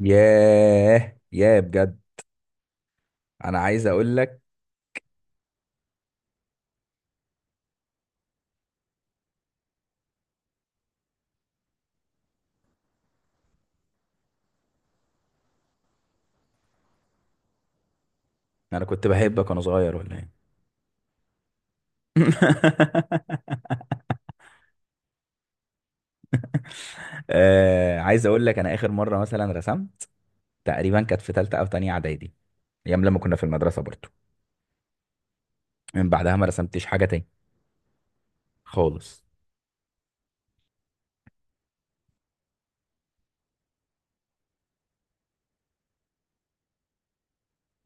ياه ياه بجد. انا عايز اقول لك، انا كنت بحبك وانا صغير ولا ايه؟ آه، عايز اقول لك، انا اخر مره مثلا رسمت تقريبا كانت في ثالثه او تانية اعدادي، ايام لما كنا في المدرسه برضو. من بعدها ما رسمتش حاجه تاني خالص.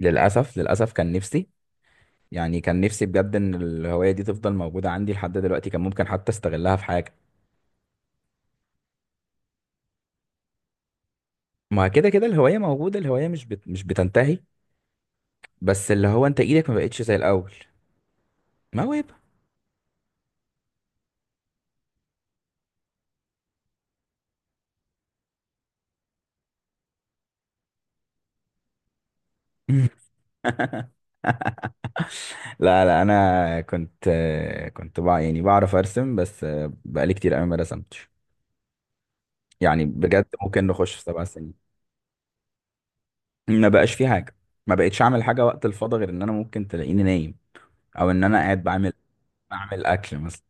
للاسف، كان نفسي، يعني كان نفسي بجد، ان الهوايه دي تفضل موجوده عندي لحد دلوقتي. كان ممكن حتى استغلها في حاجه. ما كده كده الهوايه موجوده، الهوايه مش بتنتهي. بس اللي هو انت ايدك ما بقتش زي الاول. موهبه. لا لا، انا كنت، يعني بعرف ارسم، بس بقالي كتير قوي ما رسمتش. يعني بجد ممكن نخش في 7 سنين ما بقاش في حاجه. ما بقتش اعمل حاجه وقت الفاضي غير ان انا ممكن تلاقيني نايم، او ان انا قاعد بعمل، بعمل اكل مثلا.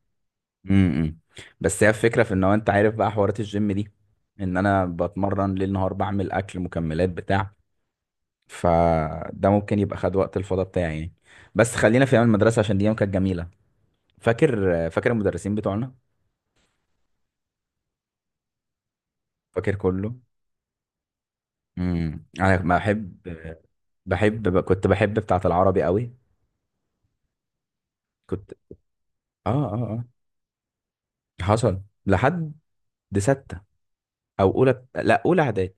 إمم. بس هي الفكره في ان هو، انت عارف بقى حوارات الجيم دي، ان انا بتمرن ليل نهار، بعمل اكل، مكملات بتاع. فده ممكن يبقى خد وقت الفاضي بتاعي يعني. بس خلينا في ايام المدرسه عشان دي ايام كانت جميله. فاكر المدرسين بتوعنا، فاكر كله. انا بحب، كنت بحب بتاعه العربي قوي. كنت اه اه اه حصل لحد سته، او اولى لا اولى اعدادي.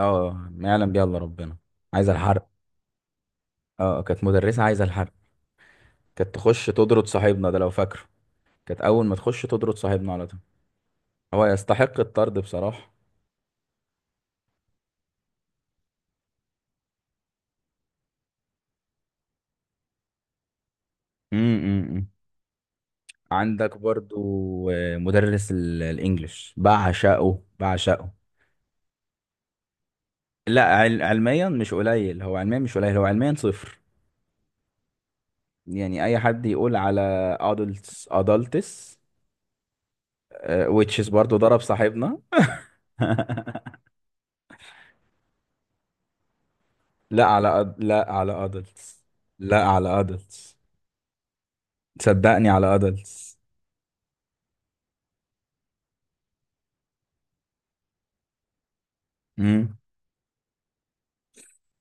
اه، ما يعلم بيها الا ربنا. عايزه الحرق. اه، كانت مدرسه عايزه الحرق، كانت تخش تطرد صاحبنا ده لو فاكره. كانت اول ما تخش تطرد صاحبنا على طول. هو يستحق الطرد بصراحه. امم عندك برضو، مدرس الانجليش، بعشقه بعشقه. لا، علميا مش قليل، هو علميا مش قليل، هو علميا صفر. يعني اي حد يقول على adults adults، which is برضو ضرب صاحبنا. لا على لا على adults، لا على adults، صدقني على adults. امم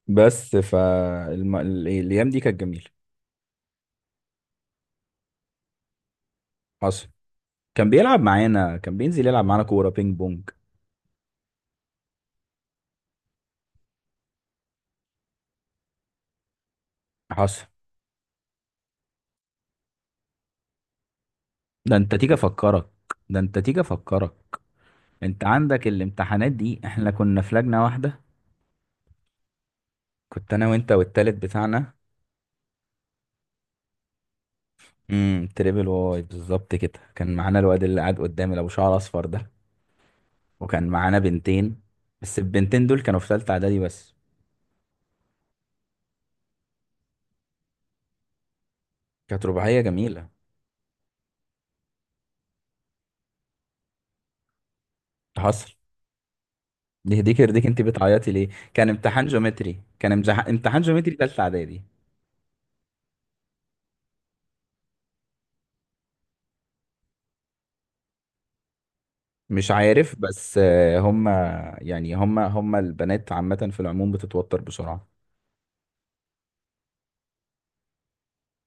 بس الايام دي كانت جميله. حصل. كان بيلعب معانا، كان بينزل يلعب معانا كوره بينج بونج. حصل. ده انت تيجي افكرك، ده انت تيجي افكرك. انت عندك الامتحانات دي احنا كنا في لجنه واحده. كنت انا وانت والتالت بتاعنا. تريبل واي بالظبط كده. كان معانا الواد اللي قاعد قدامي اللي ابو شعر اصفر ده، وكان معانا بنتين، بس البنتين دول كانوا في ثالثه اعدادي بس. كانت رباعيه جميله. حصل. يهديك يرضيك، انت بتعيطي ليه؟ كان امتحان جيومتري، كان امتحان جيومتري ثالثه اعدادي. مش عارف بس، هم. يعني هم البنات عامه في العموم بتتوتر بسرعه.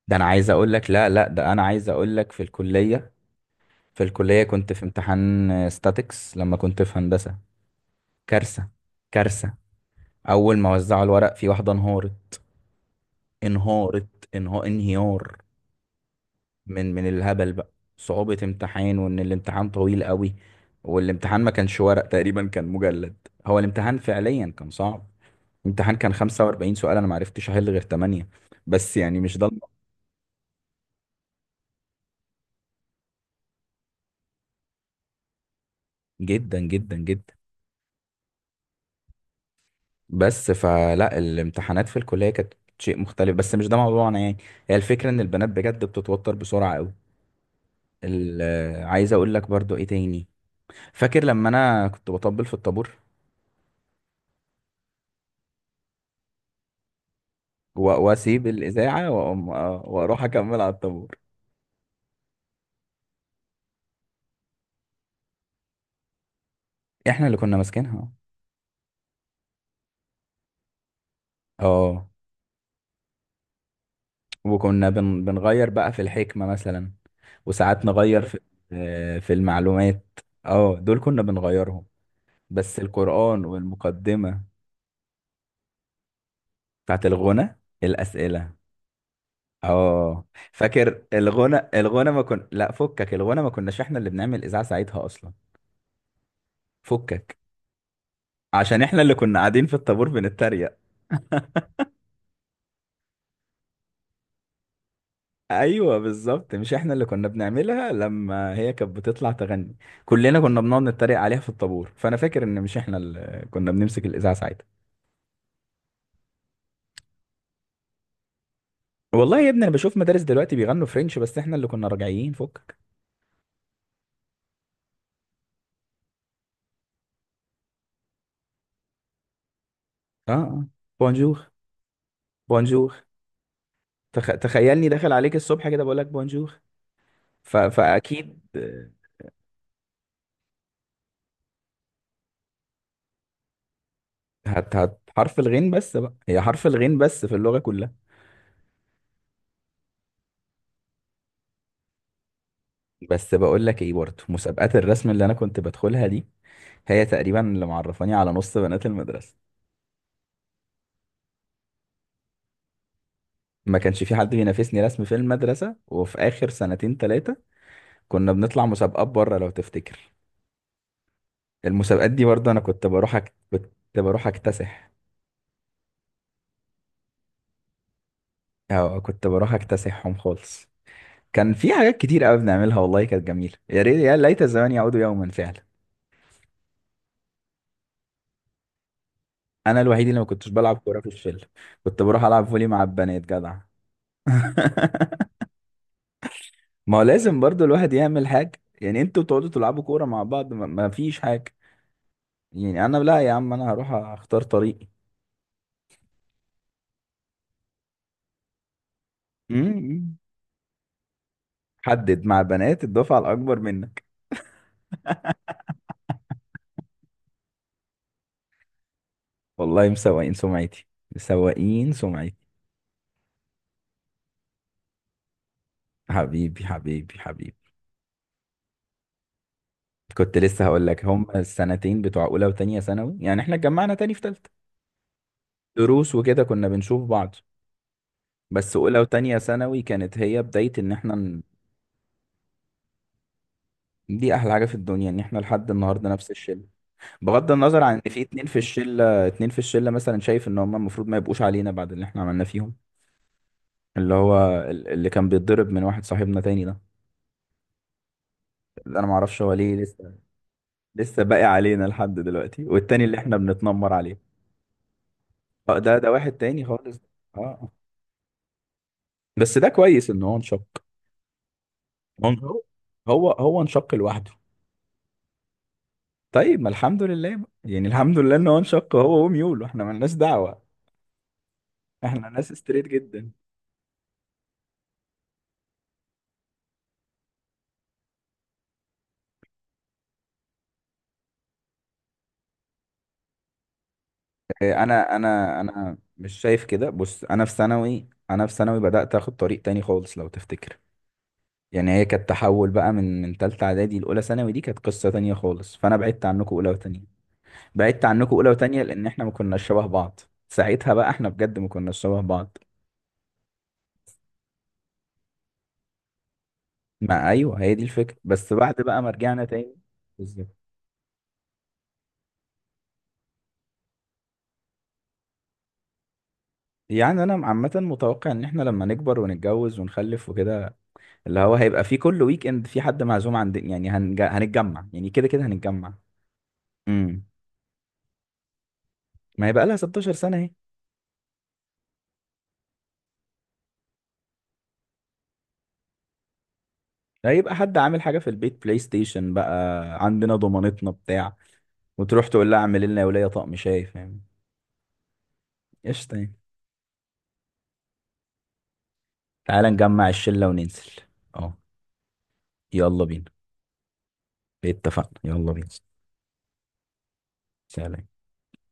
ده انا عايز اقول لك، لا لا، ده انا عايز اقول لك في الكليه. في الكليه كنت في امتحان ستاتكس لما كنت في هندسه. كارثه. كارثه. اول ما وزعوا الورق في واحده انهارت، انهارت، انهار انهيار. من الهبل بقى. صعوبة امتحان، وان الامتحان طويل قوي، والامتحان ما كانش ورق تقريبا، كان مجلد. هو الامتحان فعليا كان صعب. الامتحان كان 45 سؤال، انا ما عرفتش احل غير 8. بس يعني مش ده جدا جدا جدا. بس فلا، الامتحانات في الكلية كانت شيء مختلف، بس مش ده موضوعنا يعني. هي الفكرة ان البنات بجد بتتوتر بسرعة قوي. ال- عايز اقول لك برضو ايه تاني. فاكر لما انا كنت بطبل في الطابور، واسيب الاذاعه واقوم، واروح اكمل على الطابور. احنا اللي كنا ماسكينها. اه، وكنا بنغير بقى في الحكمه مثلا، وساعات نغير في، في المعلومات. اه دول كنا بنغيرهم، بس القران والمقدمه. بتاعت الغنى الاسئله. اه، فاكر. الغنى، الغنى ما كن لا فكك، الغنى ما كناش احنا اللي بنعمل اذاعه ساعتها اصلا. فكك، عشان احنا اللي كنا قاعدين في الطابور بنتريق. ايوه، بالظبط، مش احنا اللي كنا بنعملها. لما هي كانت بتطلع تغني، كلنا كنا بنقعد نتريق عليها في الطابور. فانا فاكر ان مش احنا اللي كنا بنمسك الاذاعه ساعتها. والله يا ابني انا بشوف مدارس دلوقتي بيغنوا فرنش، بس احنا اللي كنا راجعين فكك. اه اه، بونجور. بونجور. تخيلني داخل عليك الصبح كده بقول لك بونجور. فاكيد، هت حرف الغين بس بقى، هي حرف الغين بس في اللغه كلها. بس بقول لك ايه، برضه مسابقات الرسم اللي انا كنت بدخلها دي هي تقريبا اللي معرفاني على نص بنات المدرسه. ما كانش في حد بينافسني رسم في المدرسة، وفي آخر سنتين تلاتة كنا بنطلع مسابقات بره لو تفتكر. المسابقات دي برضه أنا كنت بروح، كنت بروح أكتسح، أو كنت بروح أكتسحهم خالص. كان في حاجات كتير قوي بنعملها، والله كانت جميلة. يا ريت، يا ليت الزمان يعود يوما فعلا. أنا الوحيد اللي ما كنتش بلعب كورة في الشلة، كنت بروح ألعب فولي مع البنات جدع. ما هو لازم برضه الواحد يعمل حاجة، يعني انتوا بتقعدوا تلعبوا كورة مع بعض، ما فيش حاجة يعني. انا لا يا عم، انا هروح اختار طريق. مم. حدد مع بنات الدفعة الأكبر منك. والله مسوقين سمعتي، مسوقين سمعتي. حبيبي حبيبي حبيبي، كنت لسه هقول لك. هم السنتين بتوع أولى وتانية ثانوي، يعني إحنا اتجمعنا تاني في تالتة، دروس وكده كنا بنشوف بعض. بس أولى وتانية ثانوي كانت هي بداية إن إحنا دي أحلى حاجة في الدنيا، إن إحنا لحد النهاردة نفس الشلة، بغض النظر عن إن في اتنين في الشلة، اتنين في الشلة مثلا شايف إن هم المفروض ما يبقوش علينا بعد اللي إحنا عملناه فيهم. اللي هو اللي كان بيتضرب من واحد صاحبنا تاني ده. انا ما اعرفش هو ليه لسه، لسه باقي علينا لحد دلوقتي، والتاني اللي احنا بنتنمر عليه. اه، ده واحد تاني خالص. اه، آه. بس ده كويس ان هو انشق. هو، هو انشق لوحده. طيب، ما الحمد لله بقى. يعني الحمد لله ان هو انشق هو وميول، واحنا ملناش دعوة. احنا ناس ستريت جدا. انا انا مش شايف كده. بص، انا في ثانوي، انا في ثانوي بدأت اخد طريق تاني خالص لو تفتكر. يعني هي كانت تحول بقى، من تالتة اعدادي لاولى ثانوي، دي كانت قصة تانية خالص. فانا بعدت عنكم اولى وتانية، بعدت عنكم اولى وتانية لان احنا ما كناش شبه بعض. ساعتها بقى احنا بجد ما كناش شبه بعض. ما ايوه، هي دي الفكره، بس بعد بقى ما رجعنا تاني، بالظبط. يعني انا عامه متوقع ان احنا لما نكبر ونتجوز ونخلف وكده، اللي هو هيبقى في كل ويك اند في حد معزوم عند، يعني هنتجمع، يعني كده كده هنتجمع. امم ما هيبقى لها 16 سنه اهي. هيبقى حد عامل حاجه في البيت، بلاي ستيشن بقى عندنا، ضمانتنا بتاع، وتروح تقول لها اعمل لنا يا وليه طقم شاي فاهم. قشطه يعني. تعال نجمع الشلة وننزل. اه، يلا بينا، اتفقنا، يلا بينا. سلام.